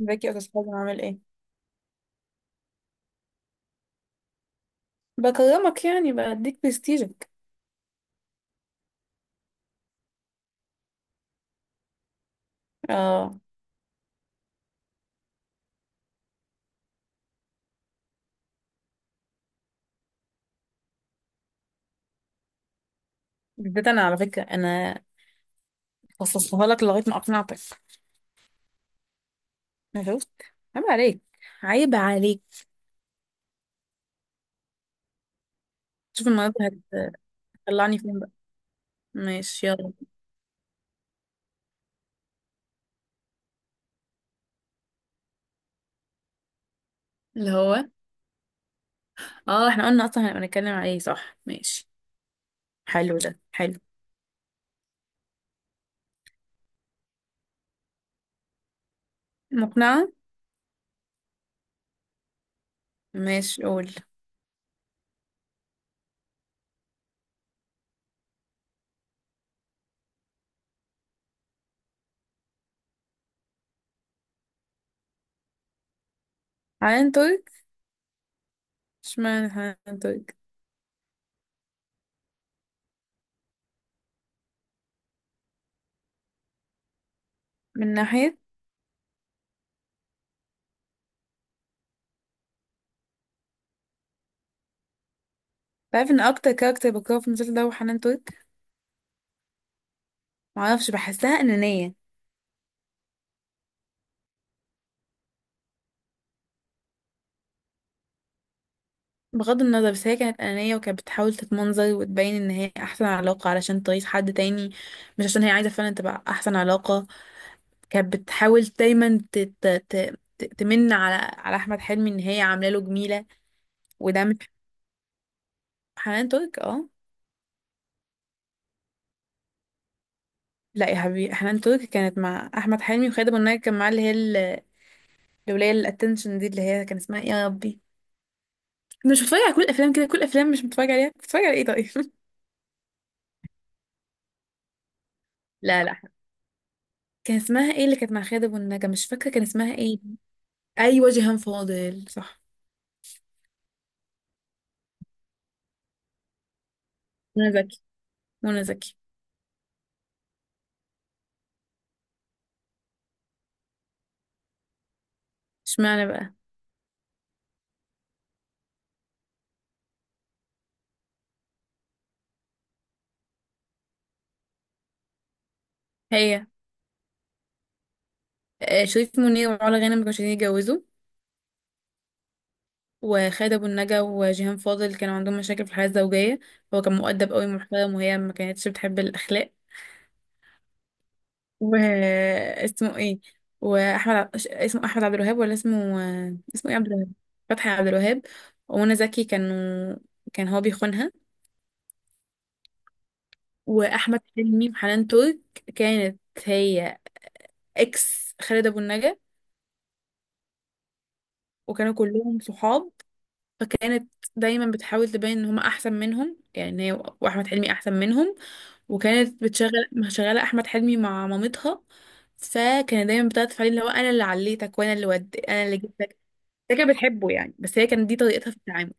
ازيك يا استاذ حازم، عامل ايه؟ بكرمك، يعني بديك برستيجك. اه، بالذات انا على فكره انا خصصتها لك لغايه ما اقنعتك. أنا شفت. عيب عليك، عيب عليك. شوف النهارده هت- هتطلعني فين بقى؟ ماشي، يلا. اللي هو، اه احنا قلنا اصلا هنبقى نتكلم على ايه؟ صح، ماشي. حلو، ده حلو. مقنعه. ماشي قول. حنان ترك. اشمعنى حنان ترك؟ من ناحيه، تعرف ان اكتر كاركتر بكرهه في المسلسل ده هو حنان ترك. معرفش، بحسها انانيه. بغض النظر، بس هي كانت أنانية وكانت بتحاول تتمنظر وتبين إن هي أحسن علاقة علشان ترضي حد تاني، مش عشان هي عايزة فعلا تبقى أحسن علاقة. كانت بتحاول دايما تمن على أحمد حلمي إن هي عاملة له جميلة. وده مش، حنان ترك اه. لا يا حبيبي، حنان ترك كانت مع أحمد حلمي، وخالد أبو النجا كان معاه اللي هي الولاية الاتنشن دي، اللي هي كان اسمها إيه يا ربي؟ أنا مش بتفرج على كل الأفلام كده. كل الأفلام مش بتفرج عليها، بتفرج على إيه طيب؟ لا لا، كان اسمها ايه اللي كانت مع خالد ابو النجا؟ مش فاكره كان اسمها ايه. ايوه جيهان فاضل صح. منى زكي، منى زكي. اشمعنى بقى؟ هي. شريف منير وعلا غانم ما كانوش عايزين يتجوزوا، وخالد ابو النجا وجيهان فاضل كانوا عندهم مشاكل في الحياه الزوجيه. هو كان مؤدب قوي محترم، وهي ما كانتش بتحب الاخلاق. واسمه ايه؟ واحمد ع- ش- اسمه احمد عبد الوهاب، ولا اسمه اسمه ايه، عبد الوهاب؟ فتحي عبد الوهاب ومنى زكي كانوا، كان هو بيخونها. واحمد حلمي وحنان ترك، كانت هي اكس خالد ابو النجا، وكانوا كلهم صحاب. فكانت دايما بتحاول تبين ان هم احسن منهم، يعني هي واحمد حلمي احسن منهم. وكانت بتشغل مشغله احمد حلمي مع مامتها، فكانت دايما بتعطف عليه اللي هو انا اللي عليتك، وانا اللي ود، انا اللي جبتك. هي كانت بتحبه يعني، بس هي كانت دي طريقتها في التعامل.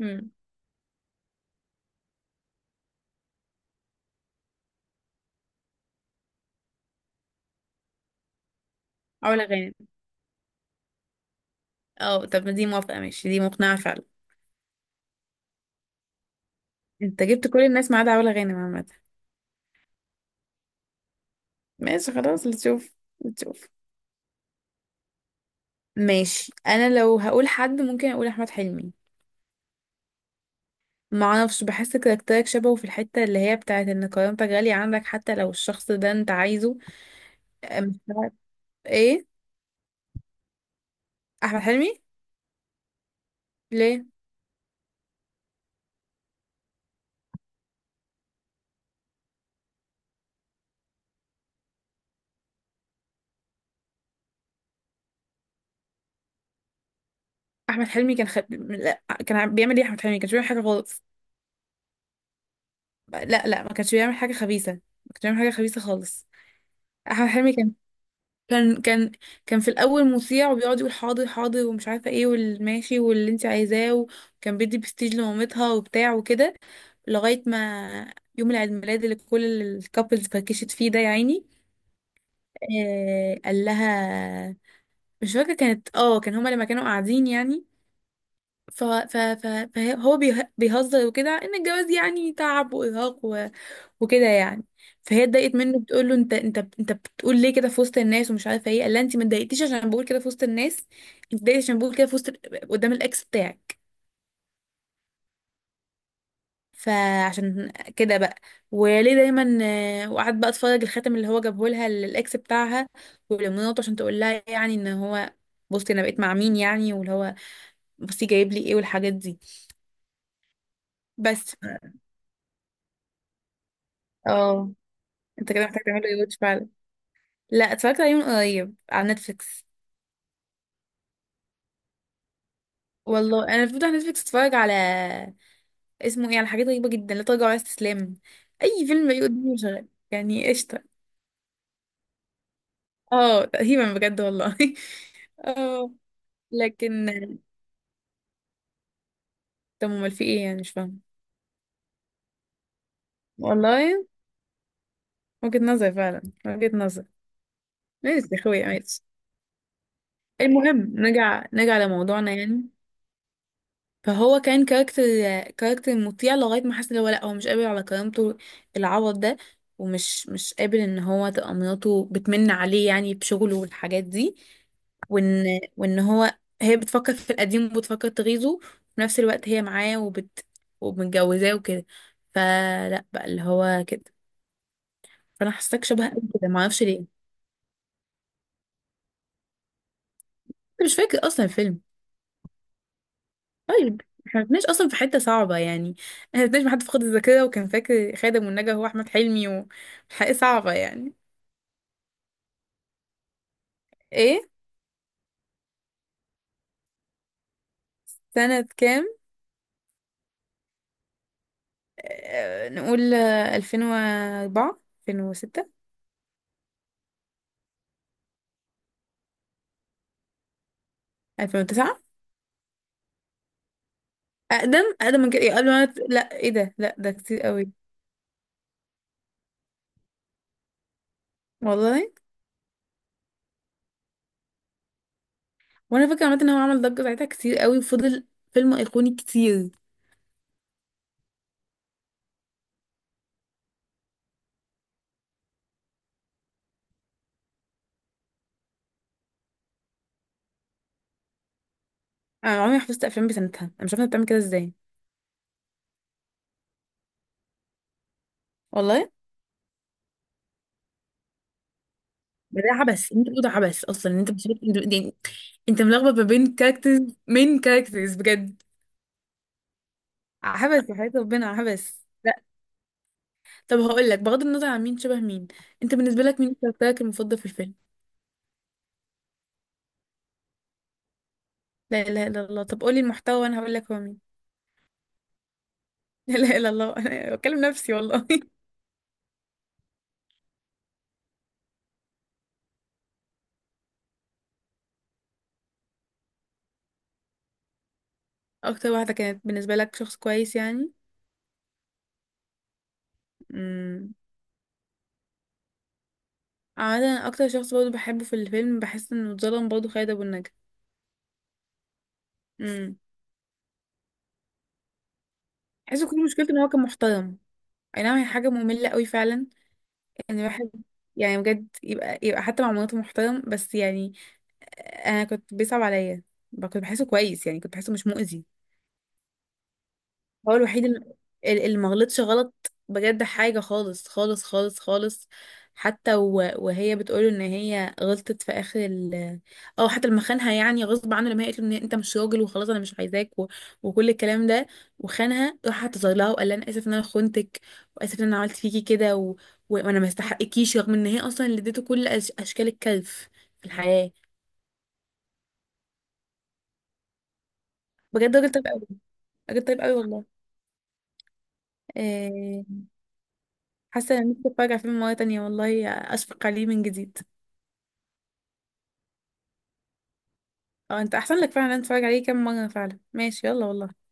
امم، علا غانم. اه، طب ما دي موافقه، ماشي، دي مقنعه فعلا. انت جبت كل الناس ما عدا علا غانم عامه. ماشي، خلاص، اللي تشوف، اللي تشوف. ماشي، انا لو هقول حد ممكن اقول احمد حلمي. ما اعرفش، بحس كاركترك شبهه في الحتة اللي هي بتاعت ان كرامتك غالية عندك حتى لو الشخص ده انت عايزه. أم- ايه؟ احمد حلمي؟ ليه؟ احمد حلمي لا، بيعمل ايه احمد حلمي؟ كانش بيعمل حاجة خالص. لا لا، ما كانش بيعمل حاجة خبيثة، ما كانش بيعمل حاجة خبيثة خالص. احمد حلمي كان، كان كان في الاول مطيع وبيقعد يقول حاضر حاضر ومش عارفة ايه، والماشي، واللي انت عايزاه. وكان بيدي برستيج لمامتها وبتاع وكده، لغاية ما يوم العيد ميلاد اللي كل الكابلز فركشت فيه ده يا عيني. قال لها، مش فاكره كانت اه، كان هما لما كانوا قاعدين يعني، ف ف ف فهو بيهزر وكده ان الجواز يعني تعب وارهاق وكده يعني. فهي اتضايقت منه، بتقول له انت، انت بتقول ليه كده في وسط الناس ومش عارفه ايه؟ قال لها انت ما اتضايقتيش عشان بقول كده في وسط الناس، انت اتضايقتي عشان بقول كده في وسط، قدام الاكس بتاعك. فعشان كده بقى، وليه دايما، وقعدت بقى اتفرج الخاتم اللي هو جابه لها الاكس بتاعها ولمراته، عشان تقول لها يعني ان هو، بصي انا بقيت مع مين يعني، واللي هو بصي جايب لي ايه والحاجات دي. بس اه، انت كده محتاج تعمل ريواتش فعلا. لا، اتفرجت عليه من قريب على نتفليكس. والله انا المفروض على نتفليكس اتفرج على، اسمه ايه، على حاجات غريبه جدا، لا تراجع ولا استسلام. اي فيلم بيجي قدامي شغال يعني قشطه. اه تقريبا بجد والله. اه لكن، طب امال في ايه يعني؟ مش فاهمه. والله، وجهة نظر فعلا، وجهة نظر. ماشي يا اخويا ماشي. المهم نرجع، نرجع لموضوعنا يعني. فهو كان كاركتر، كاركتر مطيع لغاية ما حس ان هو لا، هو مش قابل على كرامته العوض ده، ومش، مش قابل ان هو تبقى مراته بتمن عليه يعني بشغله والحاجات دي. وان وان هو، هي بتفكر في القديم وبتفكر تغيظه، وفي نفس الوقت هي معاه وبت، ومتجوزاه وكده. فلا بقى اللي هو كده. فانا حاساك شبه قوي كده، ما اعرفش ليه انت. مش فاكر اصلا الفيلم. طيب، احنا ما كناش اصلا في حته صعبه يعني. احنا ما كناش بحد فقد الذاكره وكان فاكر خادم والنجا هو احمد حلمي. وحقيقة صعبه يعني. ايه سنه كام؟ نقول 2004، 2006، 2009. اقدم، اقدم من كده؟ إيه، قبل ما أنا- لا ايه ده، لا ده كتير قوي. والله، وانا فاكره عامه ان هو عمل ضجه ساعتها كتير قوي، وفضل فيلم ايقوني كتير. انا عمري ما حفظت افلام بسنتها، انا مش عارفه أنت بتعمل كده ازاي. والله ده عبث، انت بتقول ده عبث اصلا، ان انت مش عارف- انت يعني، انت ملخبط ما بين كاركترز. مين كاركترز بجد؟ عبث يا حياة ربنا، عبث. لا. طب هقول لك بغض النظر عن مين شبه مين، انت بالنسبه لك مين كاركترك المفضل في الفيلم؟ لا اله الا الله، طب قولي المحتوى وانا هقول لك هو مين. لا اله الا الله انا بكلم نفسي والله. اكتر واحده كانت بالنسبه لك شخص كويس يعني؟ امم، عادة اكتر شخص برضه بحبه في الفيلم، بحس انه اتظلم برضه، خالد ابو النجا. امم، بحس كل مشكلته ان هو كان محترم. اي نعم هي حاجه ممله قوي فعلا. انا بحب، يعني بجد يبقى، يبقى حتى مع مناطق محترم بس يعني. انا كنت بيصعب عليا، كنت بحسه كويس يعني، كنت بحسه مش مؤذي. هو الوحيد اللي، اللي ما غلطش غلط بجد حاجة، خالص خالص خالص خالص. حتى وهي بتقوله ان هي غلطت في اخر ال، او حتى لما خانها يعني غصب عنه، لما هي قالت له ان انت مش راجل وخلاص انا مش عايزاك، و، وكل الكلام ده. وخانها راح اعتذر لها وقال لها انا اسف ان انا خنتك، واسف ان انا عملت فيكي كده، وانا ما استحقكيش، رغم ان هي اصلا اللي اديته كل اشكال الكلف في الحياة. بجد راجل طيب قوي، راجل طيب قوي والله. آه، حاسه ان نفسي اتفرج على فيلم مره تانية والله، اشفق عليه من جديد. اه، انت احسن لك فعلا إن أنا اتفرج عليه كام مره فعلا. ماشي، يلا والله.